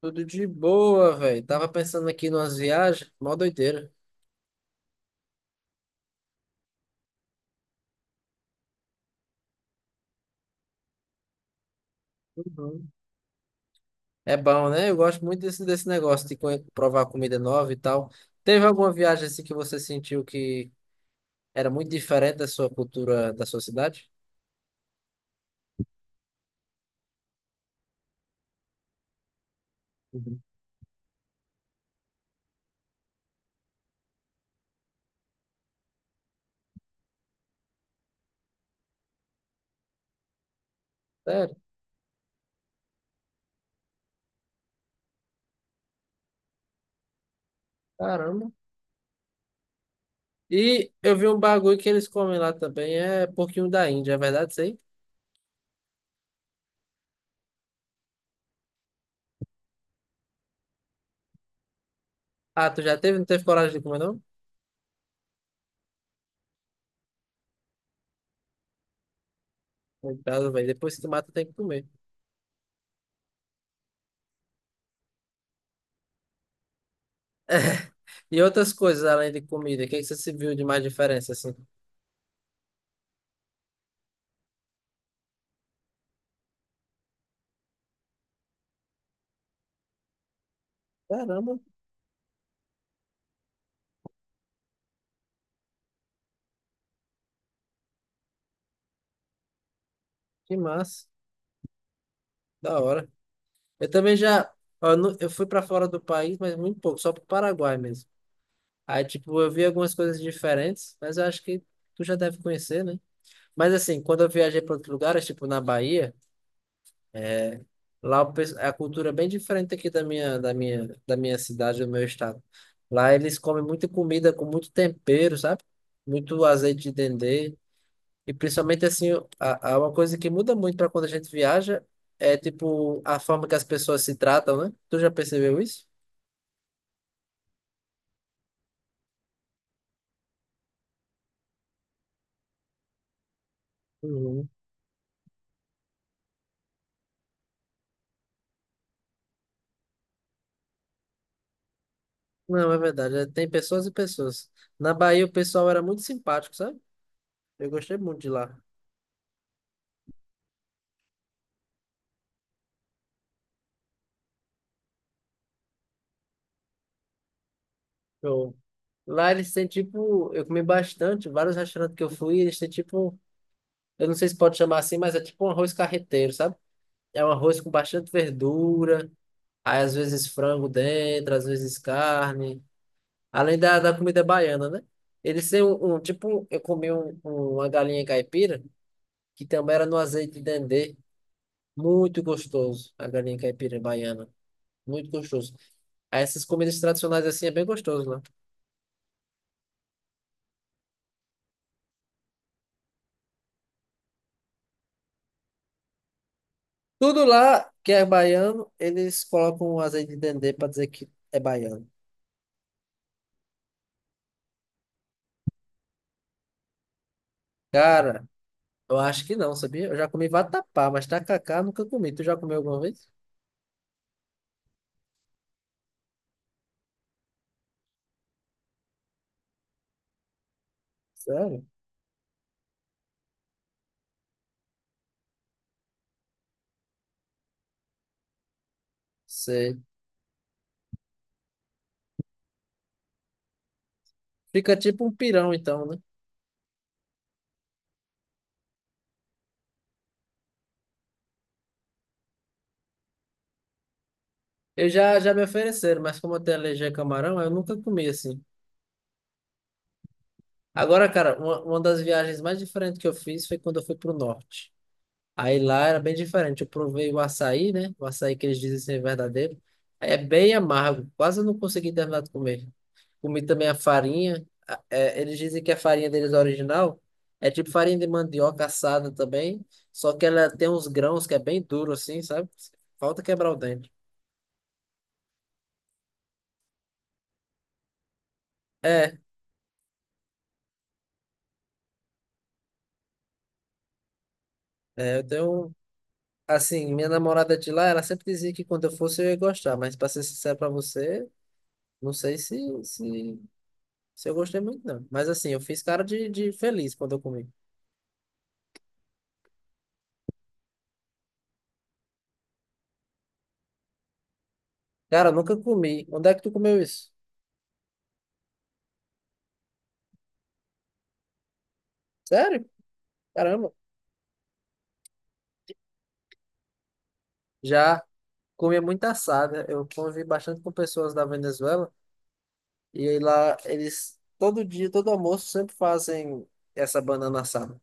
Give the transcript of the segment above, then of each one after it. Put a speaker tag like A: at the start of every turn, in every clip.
A: Tudo de boa, velho. Tava pensando aqui numas viagens, mó doideira. Uhum. É bom, né? Eu gosto muito desse negócio de provar comida nova e tal. Teve alguma viagem assim que você sentiu que era muito diferente da sua cultura, da sua cidade? Uhum. Sério? Caramba. E eu vi um bagulho que eles comem lá também, é porquinho da Índia, é verdade isso aí? Ah, tu já teve? Não teve coragem de comer, não? Coitado, velho. Depois que tu mata, tem que comer. E outras coisas além de comida, o que é que você se viu de mais diferença assim? Caramba. Que massa, da hora. Eu também já, ó, eu fui para fora do país, mas muito pouco, só pro Paraguai mesmo. Aí, tipo, eu vi algumas coisas diferentes, mas eu acho que tu já deve conhecer, né? Mas assim, quando eu viajei para outros lugares, tipo na Bahia, lá o a cultura é bem diferente aqui da da minha cidade, do meu estado. Lá eles comem muita comida com muito tempero, sabe? Muito azeite de dendê. E principalmente assim, uma coisa que muda muito para quando a gente viaja é tipo a forma que as pessoas se tratam, né? Tu já percebeu isso? Uhum. Não, é verdade. Tem pessoas e pessoas. Na Bahia o pessoal era muito simpático, sabe? Eu gostei muito de lá. Eu- Lá eles têm tipo, eu comi bastante, vários restaurantes que eu fui, eles têm tipo, eu não sei se pode chamar assim, mas é tipo um arroz carreteiro, sabe? É um arroz com bastante verdura, aí às vezes frango dentro, às vezes carne. Além da comida baiana, né? Eles têm tipo, eu comi uma galinha caipira, que também era no azeite de dendê. Muito gostoso, a galinha caipira baiana. Muito gostoso. Aí Essas comidas tradicionais assim é bem gostoso lá. Tudo lá que é baiano, eles colocam um azeite de dendê para dizer que é baiano. Cara, eu acho que não, sabia? Eu já comi vatapá, mas tacacá eu nunca comi. Tu já comeu alguma vez? Sério? Sei. Fica tipo um pirão então, né? Eu já me ofereceram, mas como eu tenho alergia a camarão, eu nunca comi assim. Agora, cara, uma das viagens mais diferentes que eu fiz foi quando eu fui pro norte. Aí lá era bem diferente. Eu provei o açaí, né? O açaí que eles dizem ser verdadeiro. É bem amargo, quase eu não consegui terminar de comer. Comi também a farinha. É, eles dizem que a farinha deles original é tipo farinha de mandioca assada também, só que ela tem uns grãos que é bem duro assim, sabe? Falta quebrar o dente. É, eu tenho um. Assim, minha namorada de lá, ela sempre dizia que quando eu fosse eu ia gostar, mas pra ser sincero pra você, não sei se, se eu gostei muito, não. Mas assim, eu fiz cara de feliz quando eu comi. Cara, eu nunca comi. Onde é que tu comeu isso? Sério? Caramba. Já comia muita assada. Eu convivi bastante com pessoas da Venezuela e aí lá eles, todo dia, todo almoço, sempre fazem essa banana assada.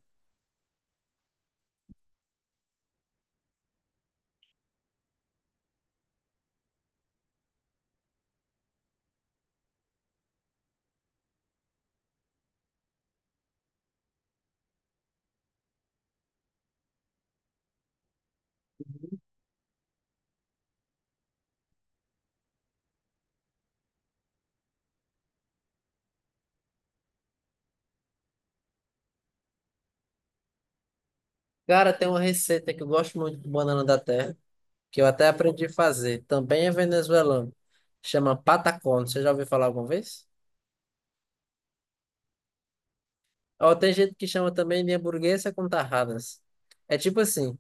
A: Cara, tem uma receita que eu gosto muito de banana da terra, que eu até aprendi a fazer. Também é venezuelano. Chama patacón. Você já ouviu falar alguma vez? Ou tem gente que chama também de hamburguesa com tarradas. É tipo assim,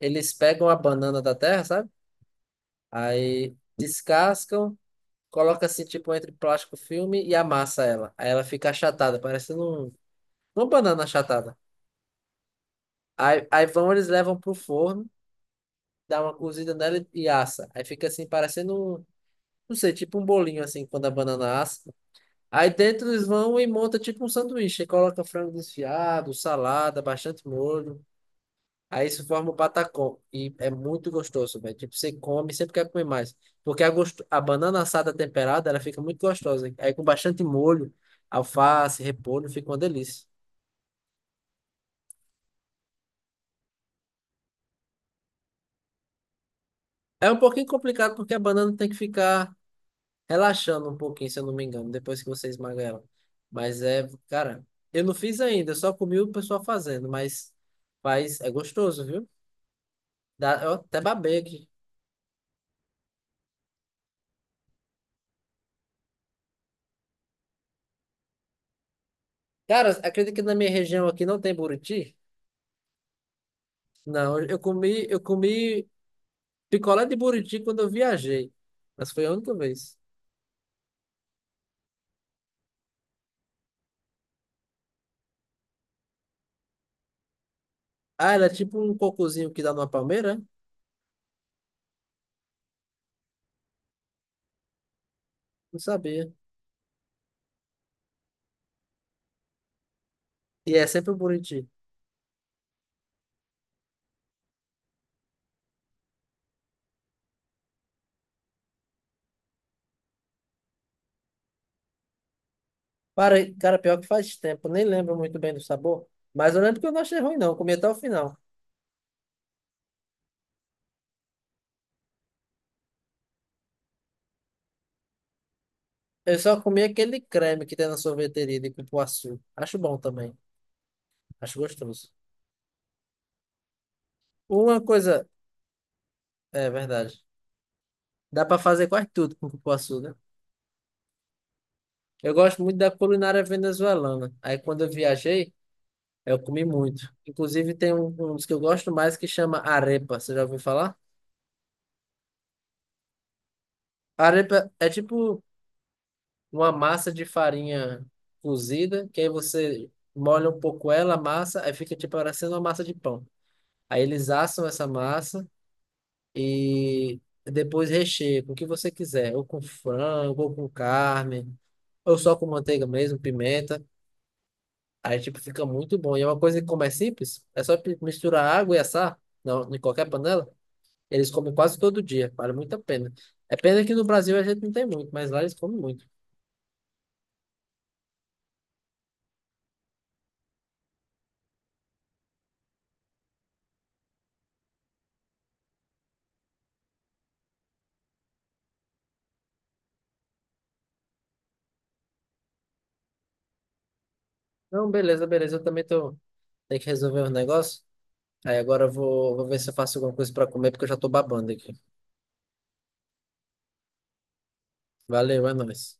A: eles pegam a banana da terra, sabe? Aí descascam, coloca assim tipo entre plástico filme e amassa ela. Aí ela fica achatada, parecendo uma banana achatada. Eles levam pro forno, dá uma cozida nela e assa. Aí fica assim, parecendo um, não sei, tipo um bolinho assim, quando a banana assa. Aí dentro eles vão e monta tipo um sanduíche. Aí coloca frango desfiado, salada, bastante molho. Aí se forma o patacão. E é muito gostoso, velho. Tipo, você come, sempre quer comer mais. Porque a banana assada temperada, ela fica muito gostosa, hein? Aí com bastante molho, alface, repolho, fica uma delícia. É um pouquinho complicado porque a banana tem que ficar relaxando um pouquinho, se eu não me engano, depois que você esmaga ela. Mas é, cara, eu não fiz ainda, eu só comi o pessoal fazendo, mas faz, é gostoso, viu? Dá, eu até babei aqui. Cara, acredita que na minha região aqui não tem buriti? Não, eu comi picolé de buriti quando eu viajei. Mas foi a única vez. Ah, era tipo um cocozinho que dá numa palmeira, é? Não sabia. E é sempre o buriti. Para, cara, pior que faz tempo, nem lembro muito bem do sabor. Mas eu lembro que eu não achei ruim, não. Eu comi até o final. Eu só comi aquele creme que tem na sorveteria de cupuaçu. Acho bom também. Acho gostoso. Uma coisa. É verdade. Dá pra fazer quase tudo com cupuaçu, né? Eu gosto muito da culinária venezuelana. Aí quando eu viajei, eu comi muito. Inclusive tem um dos que eu gosto mais que chama arepa. Você já ouviu falar? Arepa é tipo uma massa de farinha cozida, que aí você molha um pouco ela, a massa, aí fica tipo parecendo uma massa de pão. Aí eles assam essa massa e depois recheia com o que você quiser, ou com frango, ou com carne, ou só com manteiga mesmo, pimenta. Aí, tipo, fica muito bom. E é uma coisa que, como é simples, é só misturar água e assar em qualquer panela. Eles comem quase todo dia. Vale muito a pena. É pena que no Brasil a gente não tem muito, mas lá eles comem muito. Não, beleza, beleza. Eu também tô... tenho que resolver um negócio. Aí agora eu vou ver se eu faço alguma coisa pra comer, porque eu já tô babando aqui. Valeu, é nóis.